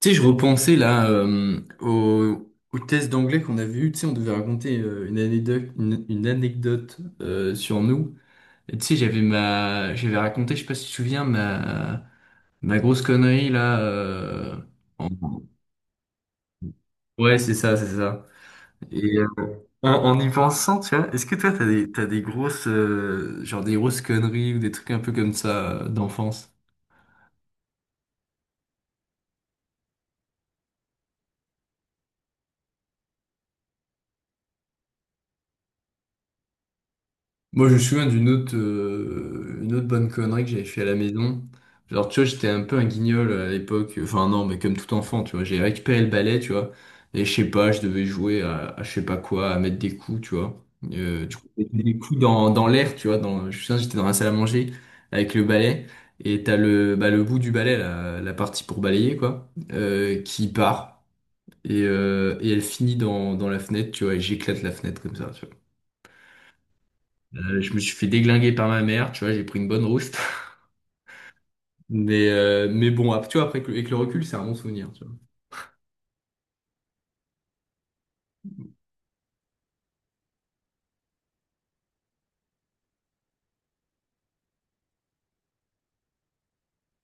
Tu sais, je repensais là au test d'anglais qu'on avait eu. Tu sais, on devait raconter une anecdote, une anecdote sur nous. Et tu sais, j'avais raconté, je sais pas si tu te souviens, ma grosse connerie là. En- Ouais, c'est ça, c'est ça. Et en y pensant, tu vois, est-ce que toi, t'as des grosses, genre des grosses conneries ou des trucs un peu comme ça d'enfance? Moi, je me souviens d'une autre, une autre bonne connerie que j'avais fait à la maison. Genre, tu vois, j'étais un peu un guignol à l'époque. Enfin, non, mais comme tout enfant, tu vois. J'ai récupéré le balai, tu vois. Et je sais pas, je devais jouer à je sais pas quoi, à mettre des coups, tu vois. Tu mettais des coups dans l'air, tu vois. Je me souviens, j'étais dans la salle à manger avec le balai. Et t'as bah, le bout du balai, la partie pour balayer, quoi, qui part. Et elle finit dans la fenêtre, tu vois. Et j'éclate la fenêtre comme ça, tu vois. Je me suis fait déglinguer par ma mère, tu vois, j'ai pris une bonne rouste. Mais bon, tu vois, après, avec le recul, c'est un bon souvenir, tu vois.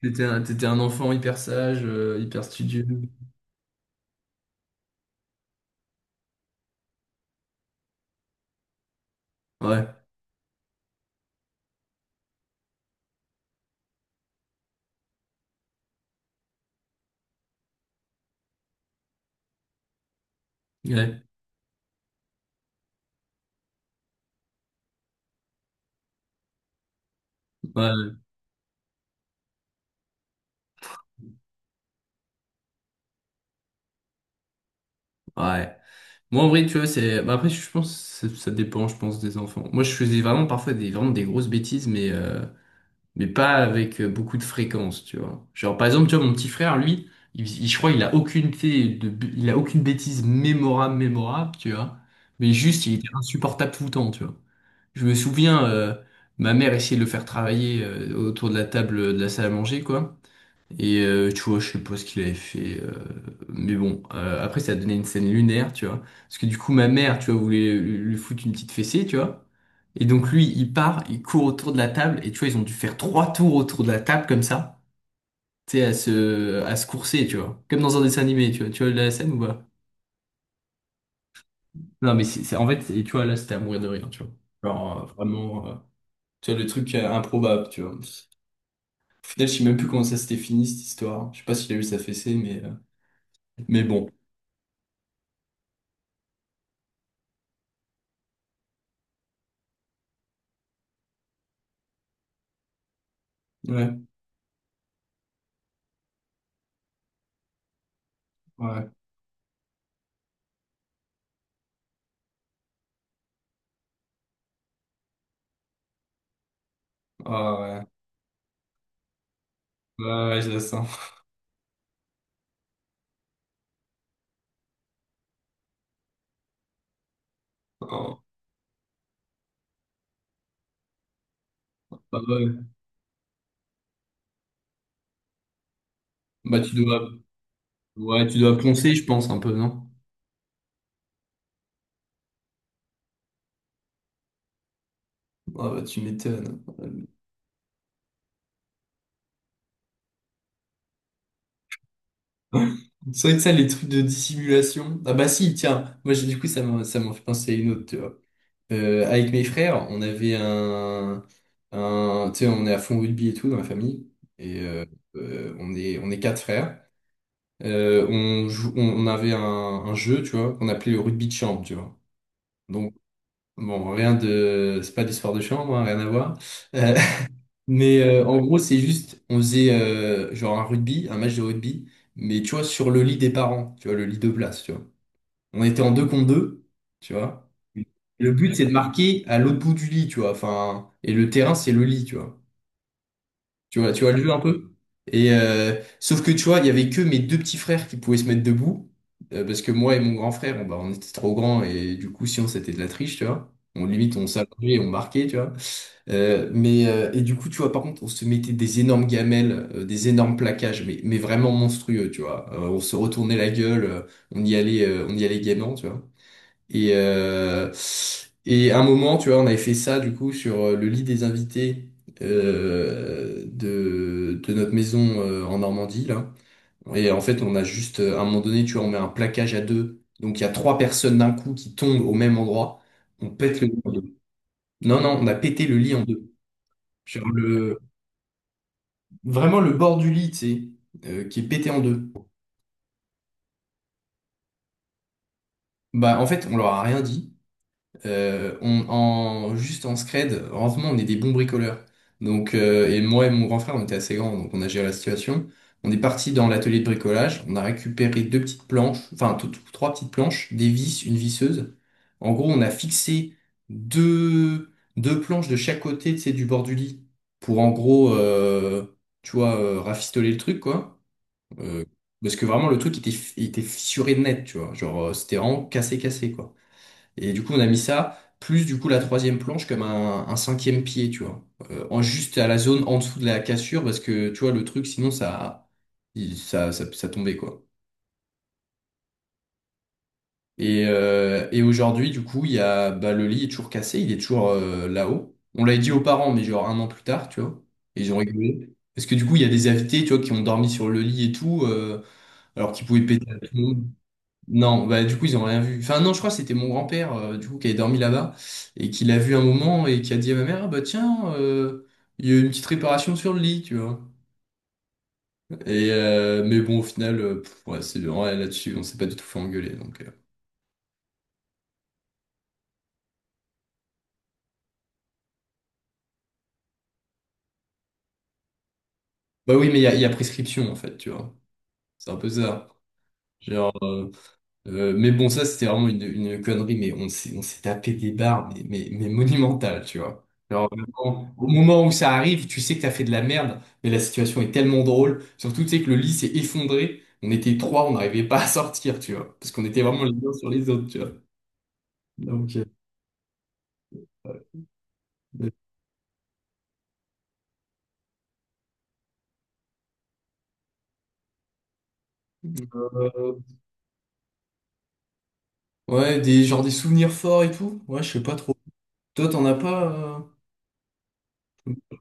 T'étais un enfant hyper sage, hyper studieux. Ouais, ouais, ouais, ouais. Moi, en vrai, tu vois, c'est, bah, après, je pense que ça ça dépend, je pense, des enfants. Moi, je faisais vraiment parfois des, vraiment des grosses bêtises, mais pas avec beaucoup de fréquence, tu vois. Genre, par exemple, tu vois, mon petit frère, lui, je crois il a aucune bêtise mémorable, mémorable, tu vois. Mais juste, il était insupportable tout le temps, tu vois. Je me souviens, ma mère essayait de le faire travailler autour de la table de la salle à manger, quoi. Et tu vois, je sais pas ce qu'il avait fait. Mais bon, après, ça a donné une scène lunaire, tu vois. Parce que du coup, ma mère, tu vois, voulait lui foutre une petite fessée, tu vois. Et donc, lui, il part, il court autour de la table. Et tu vois, ils ont dû faire trois tours autour de la table, comme ça. Tu sais, à se courser, tu vois. Comme dans un dessin animé, tu vois. Tu vois la scène ou pas? Non, mais en fait, et tu vois, là, c'était à mourir de rire, tu vois. Genre, vraiment, tu vois, le truc improbable, tu vois. Au final, je sais même plus comment ça s'était fini, cette histoire. Je sais pas s'il a eu sa fessée, mais bon. Ouais. Ouais. Ah ouais. Ouais, ouais, je la sens. Oh, bah ouais. Bah tu dois, ouais, tu dois poncer, je pense, un peu, non? Ah bah tu m'étonnes. C'est vrai que ça, les trucs de dissimulation. Ah bah si, tiens, du coup ça m'en fait penser à une autre, tu vois. Avec mes frères, on avait un tu sais, on est à fond rugby et tout dans la famille. Et euh, on est quatre frères. On, jou- on avait un jeu, tu vois, qu'on appelait le rugby de chambre, tu vois. Donc. Bon, rien de, c'est pas d'histoire de chambre, hein, rien à voir. Euh, en gros, c'est juste, on faisait genre un rugby, un match de rugby, mais tu vois, sur le lit des parents, tu vois, le lit de place, tu vois. On était en deux contre deux, tu vois. Le but, c'est de marquer à l'autre bout du lit, tu vois. Enfin, et le terrain, c'est le lit, tu vois. Tu vois, tu vois le jeu un peu? Sauf que tu vois, il y avait que mes deux petits frères qui pouvaient se mettre debout, parce que moi et mon grand frère, bah, on était trop grands et du coup, si on c'était de la triche, tu vois. On limite, on s'allongeait et on marquait, tu vois. Et du coup, tu vois, par contre, on se mettait des énormes gamelles, des énormes plaquages, mais vraiment monstrueux, tu vois. On se retournait la gueule, on y allait gaiement, tu vois. Et, euh, et à un moment, tu vois, on avait fait ça du coup sur le lit des invités de notre maison en Normandie, là. Et en fait, on a juste, à un moment donné, tu vois, on met un plaquage à deux. Donc il y a trois personnes d'un coup qui tombent au même endroit. On pète le lit en deux. Non, non, on a pété le lit en deux. Genre vraiment le bord du lit, tu sais, qui est pété en deux. Bah, en fait, on leur a rien dit. Juste en scred, heureusement, on est des bons bricoleurs. Donc, et moi et mon grand frère, on était assez grands, donc on a géré la situation. On est parti dans l'atelier de bricolage, on a récupéré deux petites planches, enfin trois petites planches, des vis, une visseuse. En gros, on a fixé deux, deux planches de chaque côté, tu sais, du bord du lit, pour en gros, tu vois, rafistoler le truc, quoi. Euh, Parce que vraiment, le truc était fissuré de net, tu vois. Genre, c'était vraiment cassé, cassé, quoi. Et du coup, on a mis ça, plus du coup la troisième planche comme un cinquième pied, tu vois. Juste à la zone en dessous de la cassure, parce que tu vois, le truc, sinon, ça, il- ça tombait, quoi. Et aujourd'hui, du coup, bah, le lit est toujours cassé, il est toujours là-haut. On l'avait dit aux parents, mais genre un an plus tard, tu vois. Et ils ont rigolé. Parce que du coup, il y a des invités, tu vois, qui ont dormi sur le lit et tout, alors qu'ils pouvaient péter à tout le monde. Non, bah du coup ils ont rien vu. Enfin non, je crois que c'était mon grand-père du coup qui avait dormi là-bas et qui l'a vu un moment et qui a dit à ma mère: Ah, bah tiens, il y a eu une petite réparation sur le lit, tu vois. Mais bon au final, pff, ouais, c'est ouais, là-dessus, on s'est pas du tout fait engueuler donc. Bah oui, mais il y a prescription en fait, tu vois. C'est un peu ça. Genre. Mais bon, ça, c'était vraiment une connerie, on s'est tapé des barres, mais monumentales, tu vois. Alors, vraiment, au moment où ça arrive, tu sais que t'as fait de la merde, mais la situation est tellement drôle. Surtout, tu sais que le lit s'est effondré. On était trois, on n'arrivait pas à sortir, tu vois. Parce qu'on était vraiment les uns sur les autres, tu vois. Donc, euh, euh, ouais, genre des souvenirs forts et tout. Ouais, je sais pas trop. Toi, t'en as pas, euh,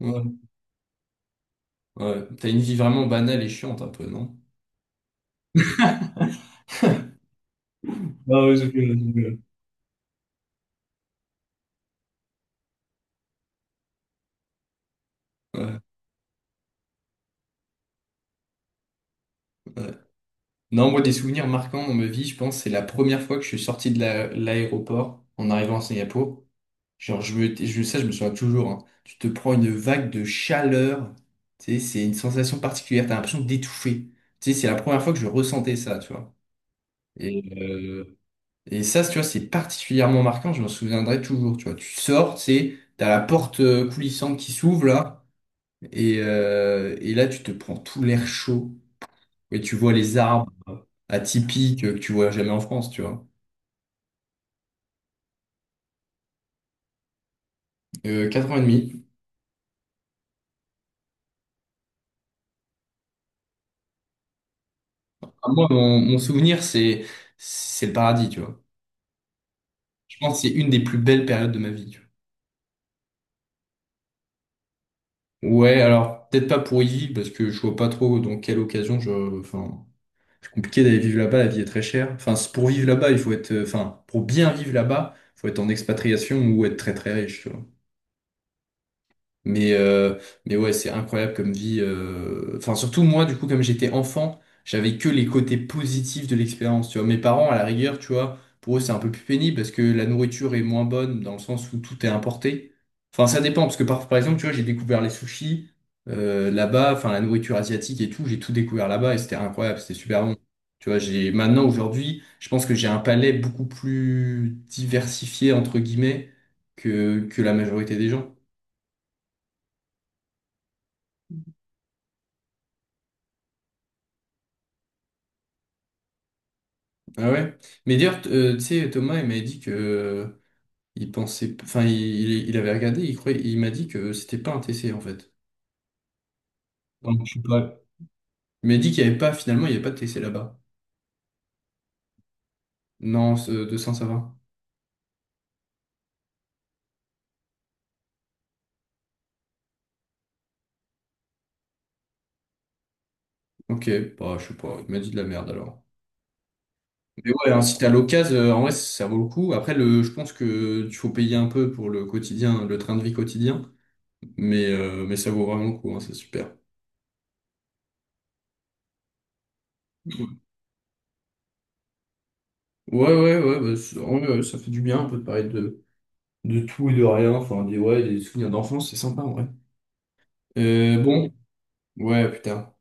ouais. Ouais. T'as une vie vraiment banale et chiante un peu, non? Ah ouais, c'est bien, c'est bien. Ouais. Ouais. Non, moi, des souvenirs marquants dans ma vie, je pense, c'est la première fois que je suis sorti l'aéroport en arrivant à Singapour. Genre, je me souviens toujours, hein. Tu te prends une vague de chaleur. Tu sais, c'est une sensation particulière. T'as l'impression d'étouffer. Tu sais, c'est la première fois que je ressentais ça, tu vois. Et, euh, et ça, tu vois, c'est particulièrement marquant. Je m'en souviendrai toujours, tu vois. Tu sors, tu sais, t'as la porte coulissante qui s'ouvre, là. Et là, tu te prends tout l'air chaud. Et tu vois les arbres atypique que tu vois jamais en France, tu vois. 4 ans et demi. Ah, moi, mon souvenir, c'est le paradis, tu vois. Je pense que c'est une des plus belles périodes de ma vie, tu vois. Ouais, alors peut-être pas pour y vivre parce que je vois pas trop dans quelle occasion je. Enfin, c'est compliqué d'aller vivre là-bas, la vie est très chère. Enfin, pour vivre là-bas, il faut être. Enfin, pour bien vivre là-bas, faut être en expatriation ou être très très riche, tu vois. Mais, euh, mais ouais, c'est incroyable comme vie. Enfin, surtout moi, du coup, comme j'étais enfant, j'avais que les côtés positifs de l'expérience. Tu vois, mes parents, à la rigueur, tu vois, pour eux, c'est un peu plus pénible parce que la nourriture est moins bonne dans le sens où tout est importé. Enfin, ça dépend parce que par exemple, tu vois, j'ai découvert les sushis là-bas, enfin la nourriture asiatique et tout, j'ai tout découvert là-bas et c'était incroyable, c'était super bon. Tu vois, j'ai maintenant aujourd'hui, je pense que j'ai un palais beaucoup plus diversifié entre guillemets que la majorité des gens. Ah ouais? Mais d'ailleurs, tu sais, Thomas, il m'avait dit que il pensait, enfin, il avait regardé, il croyait, il m'a dit que c'était pas un TC en fait. Donc, je sais pas. Il m'a dit qu'il y avait pas, finalement, il y avait pas de TC là-bas. Non, 200, ça va. Ok, bah, je sais pas, il m'a dit de la merde alors. Mais ouais, hein, si t'as l'occasion, en vrai, ça vaut le coup. Après, je pense que il faut payer un peu pour le quotidien, le train de vie quotidien, mais ça vaut vraiment le coup, hein, c'est super. Ouais, ouais, ouais, bah, en vrai, ouais, ça fait du bien un peu de parler de tout et de rien. Enfin, ouais, des souvenirs d'enfance, c'est sympa, en vrai. Bon, ouais, putain.